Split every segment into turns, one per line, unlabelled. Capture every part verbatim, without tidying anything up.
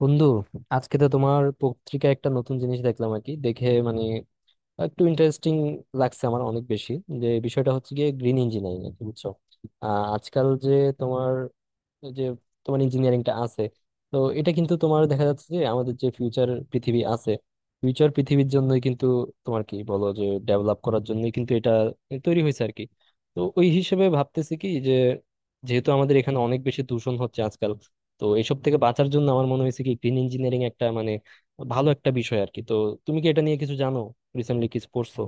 বন্ধু, আজকে তো তোমার পত্রিকায় একটা নতুন জিনিস দেখলাম আর কি। দেখে মানে একটু ইন্টারেস্টিং লাগছে আমার অনেক বেশি। যে বিষয়টা হচ্ছে গিয়ে গ্রিন ইঞ্জিনিয়ারিং আর কি, বুঝছো? আহ, আজকাল যে তোমার যে তোমার ইঞ্জিনিয়ারিংটা আছে, তো এটা কিন্তু তোমার দেখা যাচ্ছে যে আমাদের যে ফিউচার পৃথিবী আছে, ফিউচার পৃথিবীর জন্যই কিন্তু তোমার কি বলো যে ডেভেলপ করার জন্যই কিন্তু এটা তৈরি হয়েছে আর কি। তো ওই হিসেবে ভাবতেছি কি, যে যেহেতু আমাদের এখানে অনেক বেশি দূষণ হচ্ছে আজকাল, তো এসব থেকে বাঁচার জন্য আমার মনে হয়েছে কি গ্রিন ইঞ্জিনিয়ারিং একটা মানে ভালো একটা বিষয় আর কি। তো তুমি কি এটা নিয়ে কিছু জানো, রিসেন্টলি কিছু পড়ছো?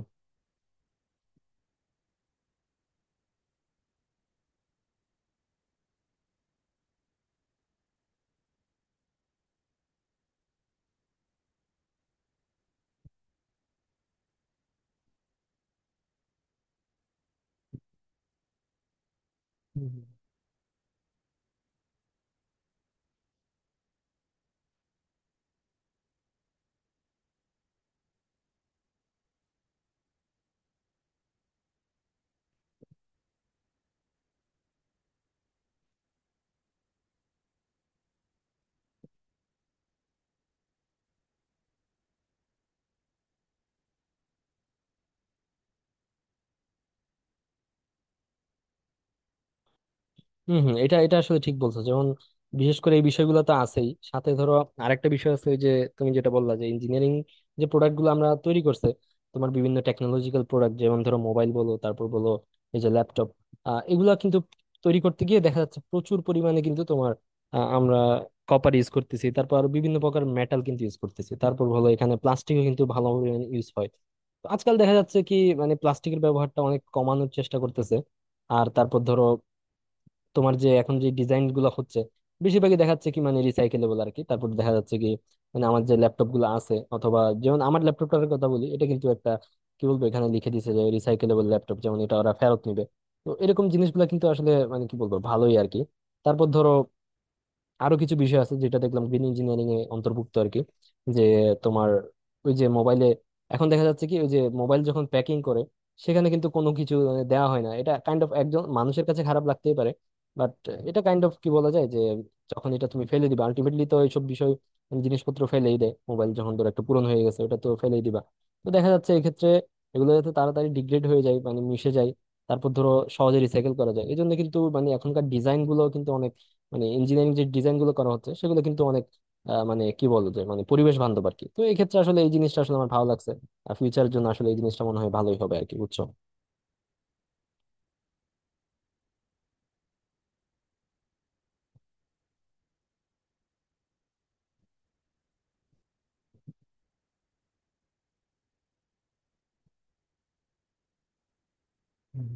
হুম। হম হম, এটা এটা আসলে ঠিক বলছো। যেমন বিশেষ করে এই বিষয়গুলো তো আছেই, সাথে ধরো আরেকটা বিষয় আছে, ওই যে তুমি যেটা বললা যে ইঞ্জিনিয়ারিং, যে প্রোডাক্ট গুলো আমরা তৈরি করছে তোমার বিভিন্ন টেকনোলজিক্যাল প্রোডাক্ট, যেমন ধরো মোবাইল বলো, তারপর বলো এই যে ল্যাপটপ। আহ এগুলা কিন্তু তৈরি করতে গিয়ে দেখা যাচ্ছে প্রচুর পরিমাণে কিন্তু তোমার আহ, আমরা কপার ইউজ করতেছি, তারপর আরো বিভিন্ন প্রকার মেটাল কিন্তু ইউজ করতেছি, তারপর হলো এখানে প্লাস্টিকও কিন্তু ভালো পরিমাণে ইউজ হয়। তো আজকাল দেখা যাচ্ছে কি মানে প্লাস্টিকের ব্যবহারটা অনেক কমানোর চেষ্টা করতেছে। আর তারপর ধরো তোমার যে এখন যে ডিজাইন গুলো হচ্ছে বেশিরভাগই দেখাচ্ছে কি মানে রিসাইকেলেবল আর কি। তারপর দেখা যাচ্ছে কি মানে আমার যে ল্যাপটপ গুলো আছে অথবা যেমন আমার ল্যাপটপটার কথা বলি, এটা কিন্তু একটা কি বলবো, এখানে লিখে দিছে যে রিসাইকেলেবল ল্যাপটপ, যেমন এটা ওরা ফেরত নিবে। তো এরকম জিনিসগুলো কিন্তু আসলে মানে কি বলবো ভালোই আর কি। তারপর ধরো আরো কিছু বিষয় আছে যেটা দেখলাম গ্রিন ইঞ্জিনিয়ারিং এ অন্তর্ভুক্ত আর কি, যে তোমার ওই যে মোবাইলে এখন দেখা যাচ্ছে কি, ওই যে মোবাইল যখন প্যাকিং করে সেখানে কিন্তু কোনো কিছু মানে দেওয়া হয় না। এটা কাইন্ড অফ একজন মানুষের কাছে খারাপ লাগতেই পারে, বাট এটা কাইন্ড অফ কি বলা যায় যে যখন এটা তুমি ফেলে দিবা আলটিমেটলি, তো এইসব বিষয় জিনিসপত্র ফেলেই দেয়। মোবাইল যখন ধরো একটু পুরনো হয়ে গেছে, ওটা তো ফেলেই দিবা। তো দেখা যাচ্ছে এক্ষেত্রে এগুলো যাতে তাড়াতাড়ি ডিগ্রেড হয়ে যায় মানে মিশে যায়, তারপর ধরো সহজে রিসাইকেল করা যায়, এই জন্য কিন্তু মানে এখনকার ডিজাইন গুলো কিন্তু অনেক মানে ইঞ্জিনিয়ারিং যে ডিজাইন গুলো করা হচ্ছে সেগুলো কিন্তু অনেক আহ, মানে কি বলবো যে মানে পরিবেশ বান্ধব আর কি। তো এই ক্ষেত্রে আসলে এই জিনিসটা আসলে আমার ভালো লাগছে। আর ফিউচারের জন্য আসলে এই জিনিসটা মনে হয় ভালোই হবে আর কি, বুঝছো? হুম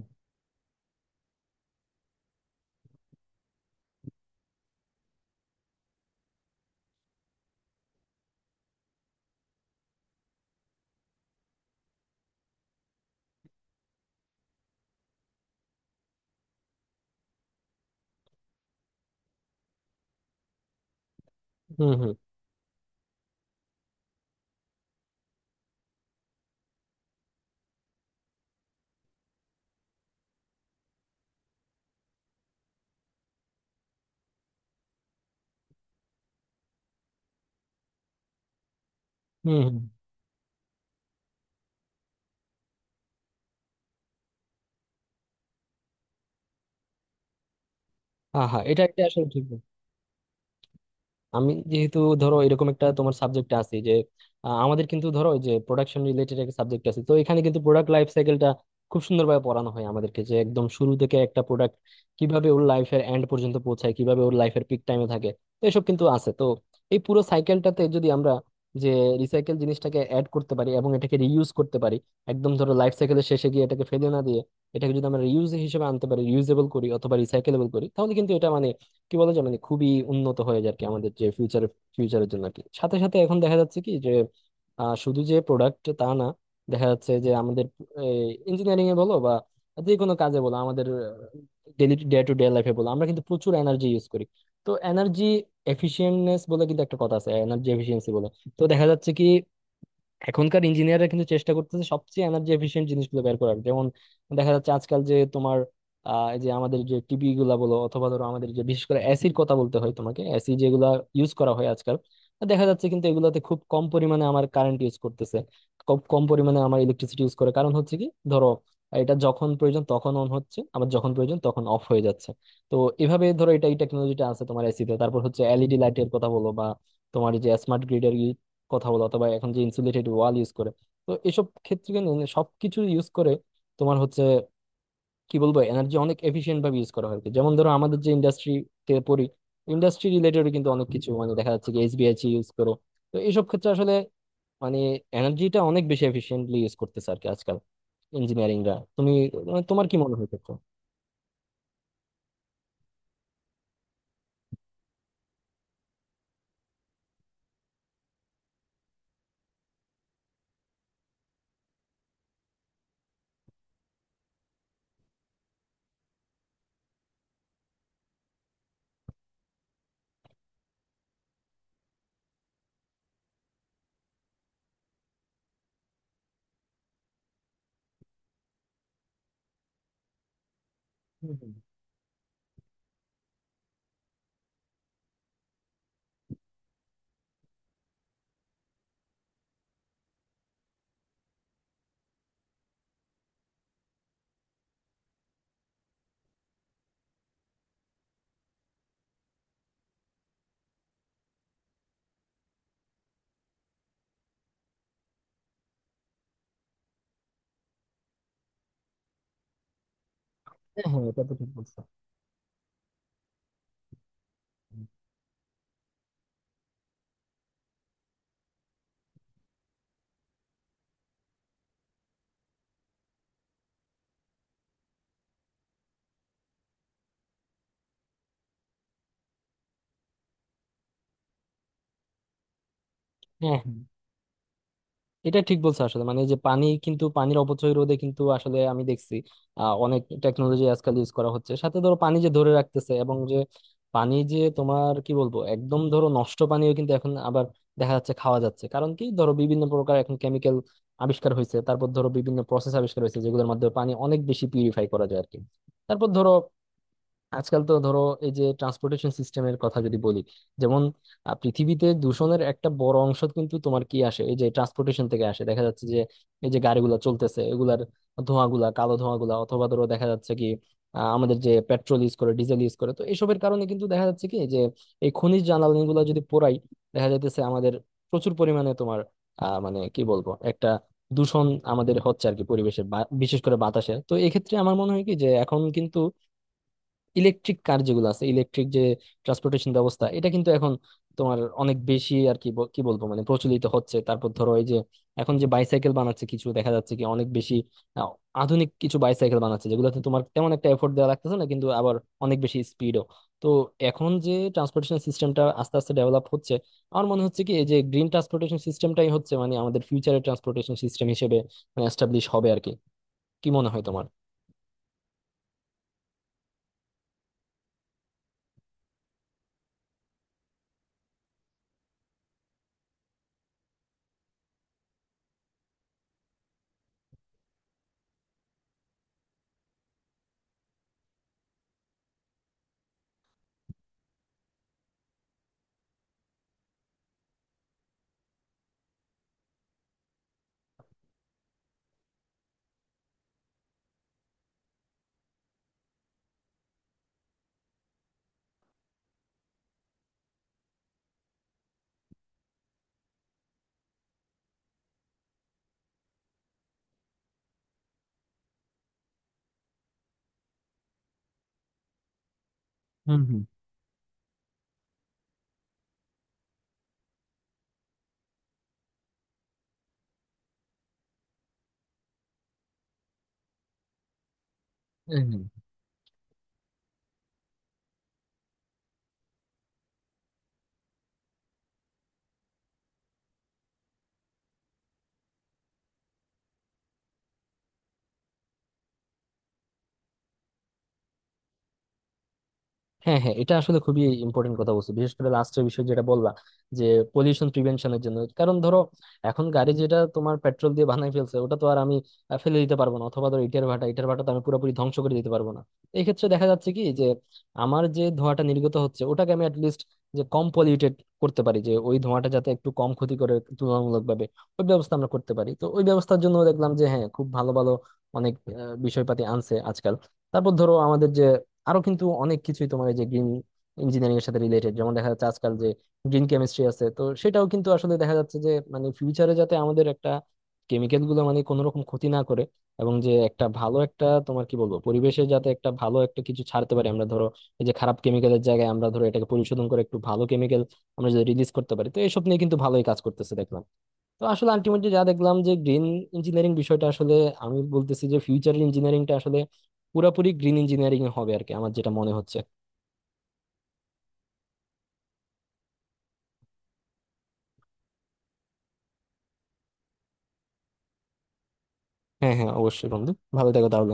হুম। হুম হুম। হ্যাঁ হ্যাঁ, এটা এটা আসলে ঠিক। আমি যেহেতু ধরো এরকম একটা তোমার সাবজেক্ট আছে যে আহ, আমাদের কিন্তু ধরো ওই যে প্রোডাকশন রিলেটেড একটা সাবজেক্ট আছে, তো এখানে কিন্তু প্রোডাক্ট লাইফ সাইকেলটা খুব সুন্দরভাবে পড়ানো হয় আমাদেরকে, যে একদম শুরু থেকে একটা প্রোডাক্ট কিভাবে ওর লাইফের এন্ড পর্যন্ত পৌঁছায়, কিভাবে ওর লাইফের পিক টাইমে থাকে, তো এসব কিন্তু আছে। তো এই পুরো সাইকেলটাতে যদি আমরা যে রিসাইকেল জিনিসটাকে অ্যাড করতে পারি এবং এটাকে রিইউজ করতে পারি, একদম ধরো লাইফ সাইকেলের শেষে গিয়ে এটাকে ফেলে না দিয়ে এটাকে যদি আমরা রিউজ হিসেবে আনতে পারি, রিউজেবল করি অথবা রিসাইকেলেবল করি, তাহলে কিন্তু এটা মানে কি বলা চলে না খুবই উন্নত হয়ে যায় আর কি আমাদের যে ফিউচার ফিউচারের জন্য আর কি। সাথে সাথে এখন দেখা যাচ্ছে কি যে আহ, শুধু যে প্রোডাক্ট তা না, দেখা যাচ্ছে যে আমাদের ইঞ্জিনিয়ারিং এ বলো বা যে কোনো কাজে বলো, আমাদের ডেলি ডে টু ডে লাইফে বলো, আমরা কিন্তু প্রচুর এনার্জি ইউজ করি। তো এনার্জি এফিশিয়েন্টনেস বলে কিন্তু একটা কথা আছে, এনার্জি এফিশিয়েন্সি বলে। তো দেখা যাচ্ছে কি এখনকার ইঞ্জিনিয়াররা কিন্তু চেষ্টা করতেছে সবচেয়ে এনার্জি এফিশিয়েন্ট জিনিসগুলো বের করার। যেমন দেখা যাচ্ছে আজকাল যে তোমার আহ, এই যে আমাদের যে টিভি গুলা বলো অথবা ধরো আমাদের যে বিশেষ করে এসির কথা বলতে হয় তোমাকে, এসি যেগুলা ইউজ করা হয় আজকাল, তো দেখা যাচ্ছে কিন্তু এগুলাতে খুব কম পরিমাণে আমার কারেন্ট ইউজ করতেছে, খুব কম পরিমাণে আমার ইলেকট্রিসিটি ইউজ করে। কারণ হচ্ছে কি ধরো এটা যখন প্রয়োজন তখন অন হচ্ছে, আবার যখন প্রয়োজন তখন অফ হয়ে যাচ্ছে। তো এভাবে ধরো এটা এই টেকনোলজিটা আছে তোমার এসিতে, তারপর হচ্ছে এলইডি লাইটের কথা বলো বা তোমার যে স্মার্ট গ্রিড এর কথা বলা, অথবা এখন যে ইনসুলেটেড ওয়াল ইউজ করে, তো এসব ক্ষেত্রে কিন্তু মানে সবকিছু ইউজ করে তোমার হচ্ছে কি বলবো এনার্জি অনেক এফিশিয়েন্ট ভাবে ইউজ করা হয় আর কি। যেমন ধরো আমাদের যে ইন্ডাস্ট্রিতে পড়ি, ইন্ডাস্ট্রি রিলেটেড কিন্তু অনেক কিছু মানে দেখা যাচ্ছে কি এসবিআইসি ইউজ করো। তো এইসব ক্ষেত্রে আসলে মানে এনার্জিটা অনেক বেশি এফিশিয়েন্টলি ইউজ করতেছে আর কি আজকাল ইঞ্জিনিয়ারিংরা। তুমি মানে তোমার কি মনে হয় ক্ষেত্রে? হ্যাঁ হ্যাঁ, এটা তো ঠিক বলছো। হ্যাঁ হ্যাঁ, এটা ঠিক বলছো আসলে। মানে যে পানি কিন্তু, পানির অপচয় রোধে কিন্তু আসলে আমি দেখছি আহ, অনেক টেকনোলজি আজকাল ইউজ করা হচ্ছে। সাথে ধরো পানি যে ধরে রাখতেছে, এবং যে পানি যে তোমার কি বলবো একদম ধরো নষ্ট পানিও কিন্তু এখন আবার দেখা যাচ্ছে খাওয়া যাচ্ছে। কারণ কি ধরো বিভিন্ন প্রকার এখন কেমিক্যাল আবিষ্কার হয়েছে, তারপর ধরো বিভিন্ন প্রসেস আবিষ্কার হয়েছে যেগুলোর মাধ্যমে পানি অনেক বেশি পিউরিফাই করা যায় আর কি। তারপর ধরো আজকাল তো ধরো এই যে ট্রান্সপোর্টেশন সিস্টেমের কথা যদি বলি, যেমন আহ, পৃথিবীতে দূষণের একটা বড় অংশ কিন্তু তোমার কি আসে এই যে ট্রান্সপোর্টেশন থেকে আসে। দেখা যাচ্ছে যে এই যে গাড়িগুলো চলতেছে এগুলার ধোঁয়াগুলা, কালো ধোঁয়াগুলা, অথবা ধরো দেখা যাচ্ছে কি আহ, আমাদের যে পেট্রোল ইউজ করে ডিজেল ইউজ করে, তো এসবের কারণে কিন্তু দেখা যাচ্ছে কি যে এই খনিজ জ্বালানিগুলো যদি পোড়াই, দেখা যাইতেছে আমাদের প্রচুর পরিমাণে তোমার আহ মানে কি বলবো একটা দূষণ আমাদের হচ্ছে আর কি পরিবেশে, বা- বিশেষ করে বাতাসে। তো এক্ষেত্রে আমার মনে হয় কি যে এখন কিন্তু ইলেকট্রিক কার যেগুলো আছে, ইলেকট্রিক যে ট্রান্সপোর্টেশন ব্যবস্থা, এটা কিন্তু এখন তোমার অনেক বেশি আর কি ব- কি বলবো মানে প্রচলিত হচ্ছে। তারপর ধরো এই যে এখন যে বাইসাইকেল বানাচ্ছে কিছু দেখা যাচ্ছে কি অনেক বেশি আহ, আধুনিক কিছু বাইসাইকেল বানাচ্ছে যেগুলোতে তোমার তেমন একটা এফোর্ট দেওয়া লাগতেছে না কিন্তু আবার অনেক বেশি স্পিডও। তো এখন যে ট্রান্সপোর্টেশন সিস্টেমটা আস্তে আস্তে ডেভেলপ হচ্ছে, আমার মনে হচ্ছে কি এই যে গ্রিন ট্রান্সপোর্টেশন সিস্টেমটাই হচ্ছে মানে আমাদের ফিউচারের ট্রান্সপোর্টেশন সিস্টেম হিসেবে এস্টাবলিশ হবে আর কি। কি মনে হয় তোমার? হম হম। হ্যাঁ হ্যাঁ, এটা আসলে খুবই ইম্পর্টেন্ট কথা বলছো, বিশেষ করে লাস্টের বিষয় যেটা বললা যে পলিউশন প্রিভেনশনের জন্য। কারণ ধরো এখন গাড়ি যেটা তোমার পেট্রোল দিয়ে বানাই ফেলছে ওটা তো আর আমি আহ, ফেলে দিতে পারবো না, অথবা ধরো ইটের ভাটা ইটের ভাটা তো আমি পুরোপুরি ধ্বংস করে দিতে পারবো না। এই ক্ষেত্রে দেখা যাচ্ছে কি যে আমার যে ধোঁয়াটা নির্গত হচ্ছে ওটাকে আমি অ্যাটলিস্ট যে কম পলিউটেড করতে পারি, যে ওই ধোঁয়াটা যাতে একটু কম ক্ষতি করে তুলনামূলক ভাবে, ওই ব্যবস্থা আমরা করতে পারি। তো ওই ব্যবস্থার জন্য দেখলাম যে হ্যাঁ, খুব ভালো ভালো অনেক আহ, বিষয়পাতি আনছে আজকাল। তারপর ধরো আমাদের যে আরো কিন্তু অনেক কিছুই তোমার এই যে গ্রিন ইঞ্জিনিয়ারিং এর সাথে রিলেটেড, যেমন দেখা যাচ্ছে আজকাল যে গ্রিন কেমিস্ট্রি আছে, তো সেটাও কিন্তু আসলে দেখা যাচ্ছে যে মানে ফিউচারে যাতে আমাদের একটা কেমিক্যাল গুলো মানে কোনো রকম ক্ষতি না করে, এবং যে একটা ভালো একটা তোমার কি বলবো পরিবেশে যাতে একটা ভালো একটা কিছু ছাড়তে পারি আমরা। ধরো এই যে খারাপ কেমিক্যালের জায়গায় আমরা ধরো এটাকে পরিশোধন করে একটু ভালো কেমিক্যাল আমরা যদি রিলিজ করতে পারি, তো এসব নিয়ে কিন্তু ভালোই কাজ করতেছে দেখলাম। তো আসলে আলটিমেটলি যা দেখলাম যে গ্রিন ইঞ্জিনিয়ারিং বিষয়টা আসলে, আমি বলতেছি যে ফিউচারের ইঞ্জিনিয়ারিংটা আসলে পুরোপুরি গ্রিন ইঞ্জিনিয়ারিং হবে আর কি, আমার যেটা মনে হচ্ছে। হ্যাঁ হ্যাঁ, অবশ্যই বন্ধু। ভালো থেকো তাহলে।